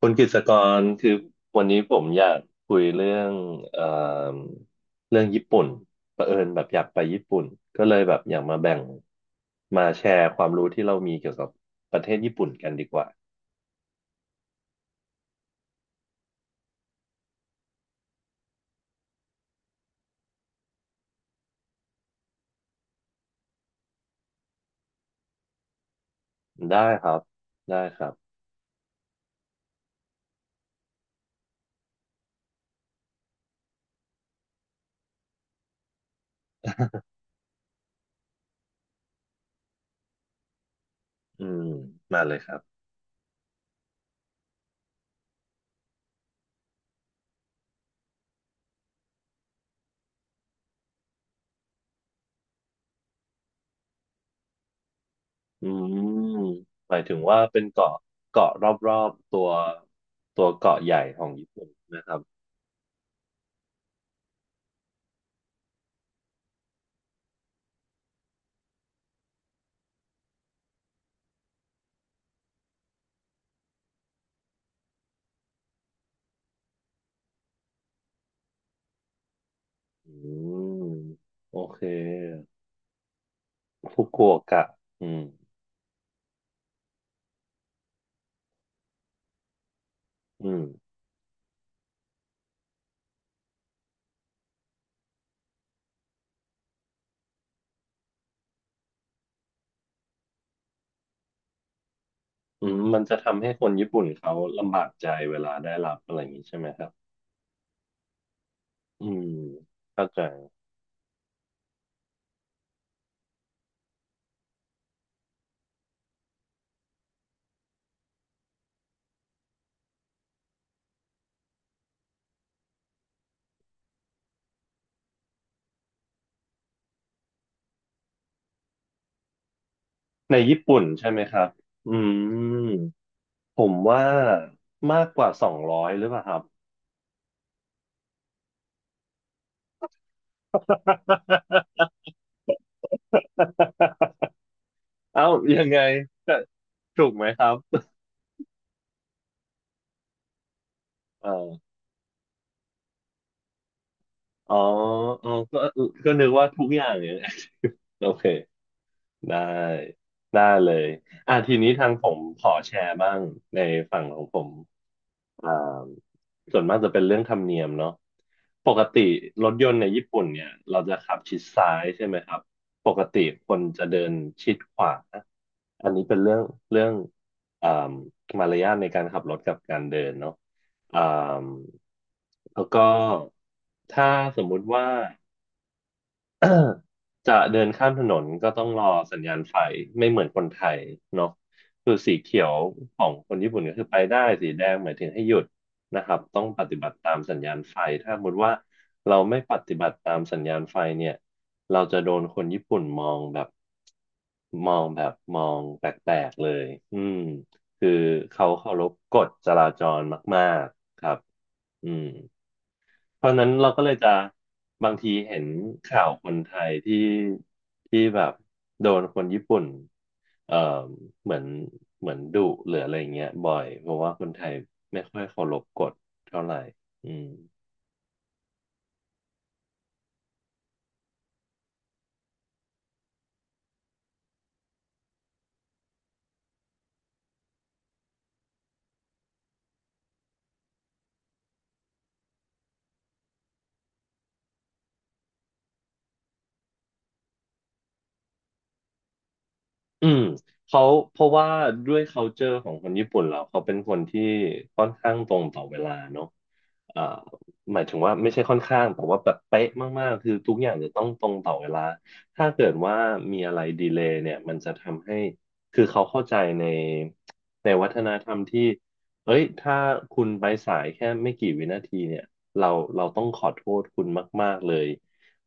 คุณกฤษกรคือวันนี้ผมอยากคุยเรื่องเอ่อเรื่องญี่ปุ่นเผอิญแบบอยากไปญี่ปุ่นก็เลยแบบอยากมาแชร์ความรู้ที่เรามีเกี่ยวกับประเทศญี่ปุ่นกันดีกว่าได้ครับได้ครับอืมมาเลยครับอืมหมายถึงว่าเป็นเกาะเกาะรอบๆตัวตัวเกาะใหญ่ของญี่ปุ่นนะครับอืมโอเคฟุกุโอกะอืมอืม อืมมันจะทำให้คนญี่ปุ่นเขาลำบากใจเวลาได้รับอะไรอย่างนี้ใช่ไหมครับอืมเข้าใจในญี่ปุ่นใช่ไหมครับอืมผมว่ามากกว่าสองร้อยหรือเปล่าครับ เอ้ายังไงจะถูกไหมครับเอออ๋ออ๋อก็ก็นึกว่าทุกอย่างเนี่ย โอเค ได้ได้เลยอ่ะทีนี้ทางผมขอแชร์บ้างในฝั่งของผมอ่าส่วนมากจะเป็นเรื่องธรรมเนียมเนาะปกติรถยนต์ในญี่ปุ่นเนี่ยเราจะขับชิดซ้ายใช่ไหมครับปกติคนจะเดินชิดขวาอันนี้เป็นเรื่องอ่ามารยาทในการขับรถกับการเดินเนาะอ่าแล้วก็ถ้าสมมุติว่า จะเดินข้ามถนนก็ต้องรอสัญญาณไฟไม่เหมือนคนไทยเนาะคือสีเขียวของคนญี่ปุ่นก็คือไปได้สีแดงหมายถึงให้หยุดนะครับต้องปฏิบัติตามสัญญาณไฟถ้าสมมติว่าเราไม่ปฏิบัติตามสัญญาณไฟเนี่ยเราจะโดนคนญี่ปุ่นมองแบบมองแปลกๆเลยอืมคือเขาเคารพกฎจราจรมากๆครับอืม เพราะฉะนั้นเราก็เลยจะบางทีเห็นข่าวคนไทยที่แบบโดนคนญี่ปุ่นเอ่อเหมือนเหมือนดุหรืออะไรเงี้ยบ่อยเพราะว่าคนไทยไม่ค่อยเคารพกฎเท่าไหร่อืม อืมเขาเพราะว่าด้วย culture ของคนญี่ปุ่นเราเขาเป็นคนที่ค่อนข้างตรงต่อเวลาเนอะอ่าหมายถึงว่าไม่ใช่ค่อนข้างแต่ว่าแบบเป๊ะมากๆคือทุกอย่างจะต้องตรงต่อเวลาถ้าเกิดว่ามีอะไรดีเลย์เนี่ยมันจะทำให้คือเขาเข้าใจในวัฒนธรรมที่เอ้ยถ้าคุณไปสายแค่ไม่กี่วินาทีเนี่ยเราเราต้องขอโทษคุณมากๆเลย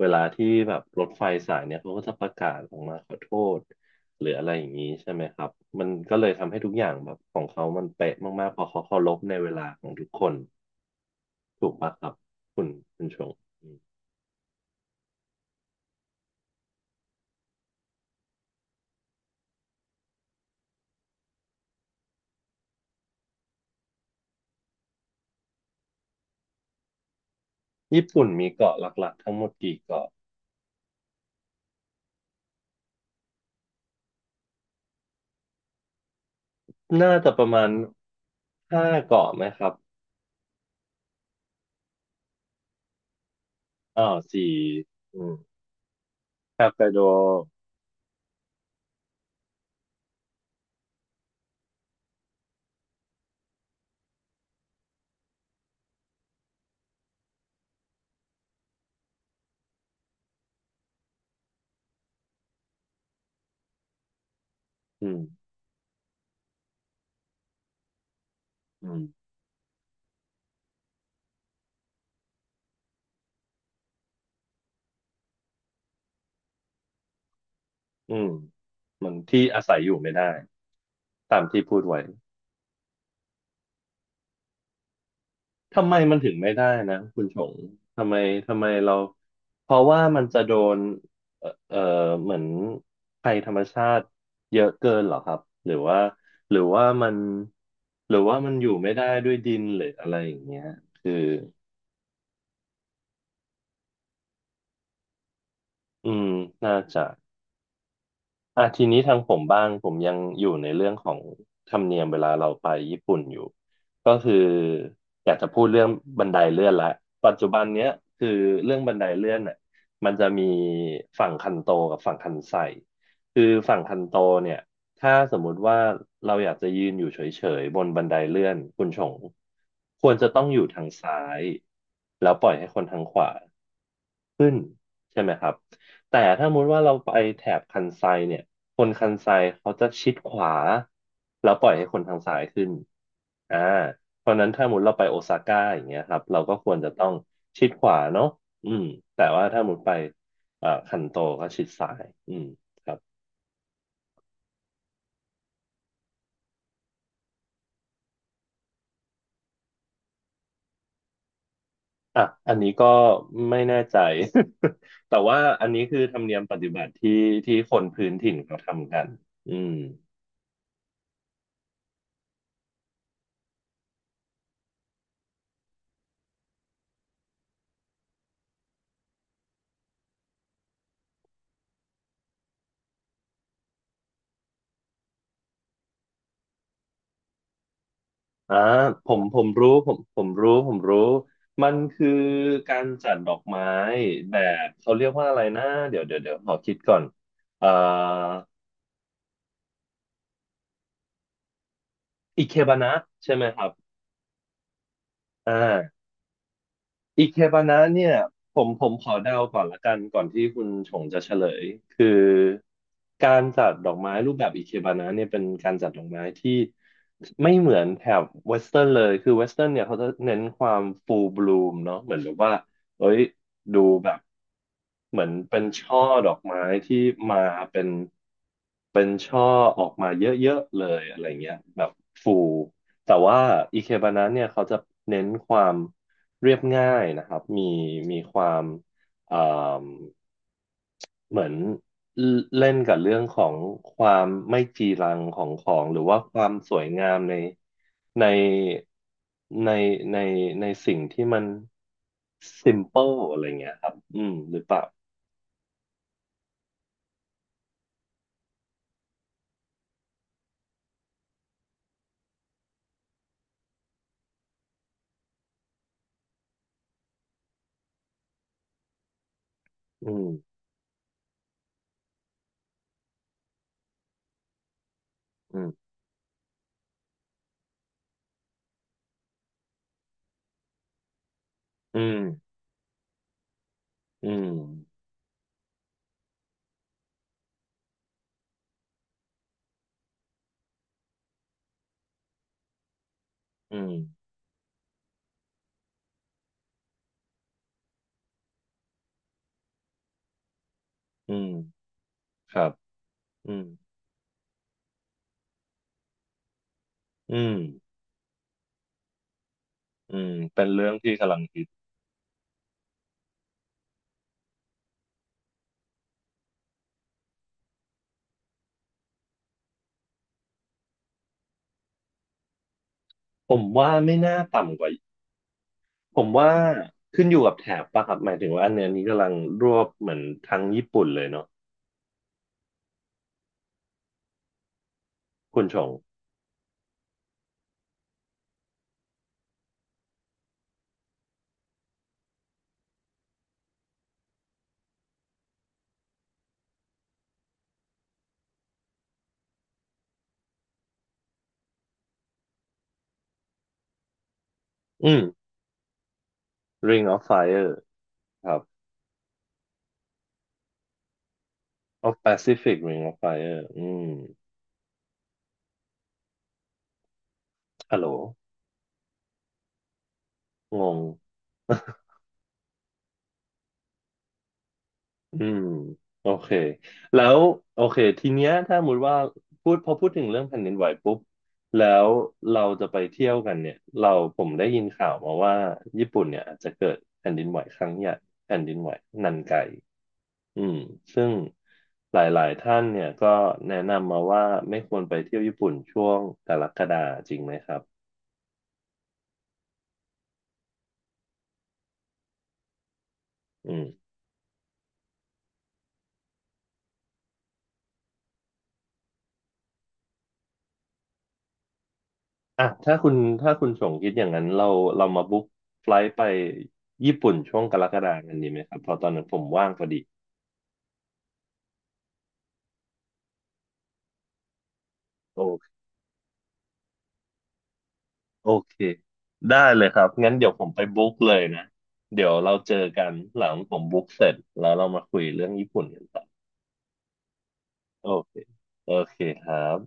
เวลาที่แบบรถไฟสายเนี่ยเขาก็จะประกาศออกมาขอโทษ หรืออะไรอย่างนี้ใช่ไหมครับมันก็เลยทำให้ทุกอย่างแบบของเขามันเป๊ะมากๆเพอเขาเคารพในเวลาของทุกคนถูกปะครับคุณคุณชงอืมญี่ปุ่นมีเกาะหลักๆทั้งหมดกี่เกาะน่าจะประมาณห้าเกาะไหมครับอ้าวสี่อืมฮอกไกโดอืมอืมอืมมันที่อาศัยอยู่ไม่ได้ตามที่พูดไว้ ทำไมมันถึงไม่ได้นะคุณชงทำไมทำไมเราเพราะว่ามันจะโดนเอ่อเอ่อเหมือนภัยธรรมชาติเยอะเกินเหรอครับหรือว่าหรือว่ามันหรือว่ามันอยู่ไม่ได้ด้วยดินหรืออะไรอย่างเงี้ยคืออืมน่าจะ อ่ะทีนี้ทางผมบ้างผมยังอยู่ในเรื่องของธรรมเนียมเวลาเราไปญี่ปุ่นอยู่ก็คืออยากจะพูดเรื่องบันไดเลื่อนละปัจจุบันเนี้ยคือเรื่องบันไดเลื่อนน่ะมันจะมีฝั่งคันโตกับฝั่งคันไซคือฝั่งคันโตเนี่ยถ้าสมมุติว่าเราอยากจะยืนอยู่เฉยๆบนบันไดเลื่อนคุณชงควรจะต้องอยู่ทางซ้ายแล้วปล่อยให้คนทางขวา ขึ้นใช่ไหมครับแต่ถ้ามุติว่าเราไปแถบคันไซเนี่ยคนคันไซเขาจะชิดขวาแล้วปล่อยให้คนทางซ้ายขึ้นอ่าเพราะฉะนั้นถ้ามุติเราไปโอซาก้าอย่างเงี้ยครับเราก็ควรจะต้องชิดขวาเนาะอืมแต่ว่าถ้ามุติไปคันโตก็ชิดซ้ายอืมครับอ่ะอันนี้ก็ไม่แน่ใจ แต่ว่าอันนี้คือธรรมเนียมปฏิบัติที่ที่คนพื้นถิ่นเขาทำกันอืม อ่าผมรู้ผมรู้ผมรู้มันคือการจัดดอกไม้แบบเขาเรียกว่าอะไรนะเดี๋ยวขอคิดก่อนอ่าอิเคบานะใช่ไหมครับอ่า อิเคบานะเนี่ยผมขอเดาก่อนละกันก่อนที่คุณชงจะเฉลยคือการจัดดอกไม้รูปแบบอิเคบานะเนี่ยเป็นการจัดดอกไม้ที่ไม่เหมือนแถบเวสเทิร์นเลยคือเวสเทิร์นเนี่ยเขาจะเน้นความฟูลบลูมเนาะเหมือนแบบว่าเอ้ยดูแบบเหมือนเป็นช่อดอกไม้ที่มาเป็นเป็นช่อออกมาเยอะๆเลยอะไรเงี้ยแบบฟูแต่ว่าอิเคบานะเนี่ยเขาจะเน้นความ เรียบง่ายนะครับมีมีความเอ่อเหมือนเล่นกับเรื่องของความไม่จีรังของของหรือว่าความสวยงามในในในในสิ่งที่มัน simple อะไรเงี้ยครับอืมหรือเปล่าอืมอืมอืมอืมอืมอืมครับอืมอืมอืมเป็นเรื่องที่กำลังฮิตผมว่าไม่น่าต่ำกว่า ผมว่าขึ้นอยู่กับแถบป่ะครับหมายถึงว่าอันเนี้ยนี้กำลังรวบเหมือนทางญี่ปุ่นเลยเนาะคุณชงอืม Ring of Fire ครับ of Pacific Ring of Fire อืมฮัลโหลงงอืมโอเคแล้วโอเคทีเนี้ยถ้าสมมติว่าพูดถึงเรื่องแผ่นดินไหวปุ๊บแล้วเราจะไปเที่ยวกันเนี่ยเราผมได้ยินข่าวมาว่าญี่ปุ่นเนี่ยอาจจะเกิดแผ่นดินไหวครั้งใหญ่แผ่นดินไหวนันไก อืมซึ่งหลายๆท่านเนี่ยก็แนะนำมาว่าไม่ควรไปเที่ยวญี่ปุ่นช่วงกรกฎาจริงไหมครับอืมอ่ะถ้าคุณชงคิดอย่างนั้นเรามาบุ๊กไฟลท์ไปญี่ปุ่นช่วงกรกฎากันดีไหมครับเพอตอนนั้นผมว่างพอดีโอเคโอเคได้เลยครับงั้นเดี๋ยวผมไปบุ๊กเลยนะเดี๋ยวเราเจอกันหลังผมบุ๊กเสร็จแล้วเรามาคุยเรื่องญี่ปุ่นกันต่อโอเคโอเคครับ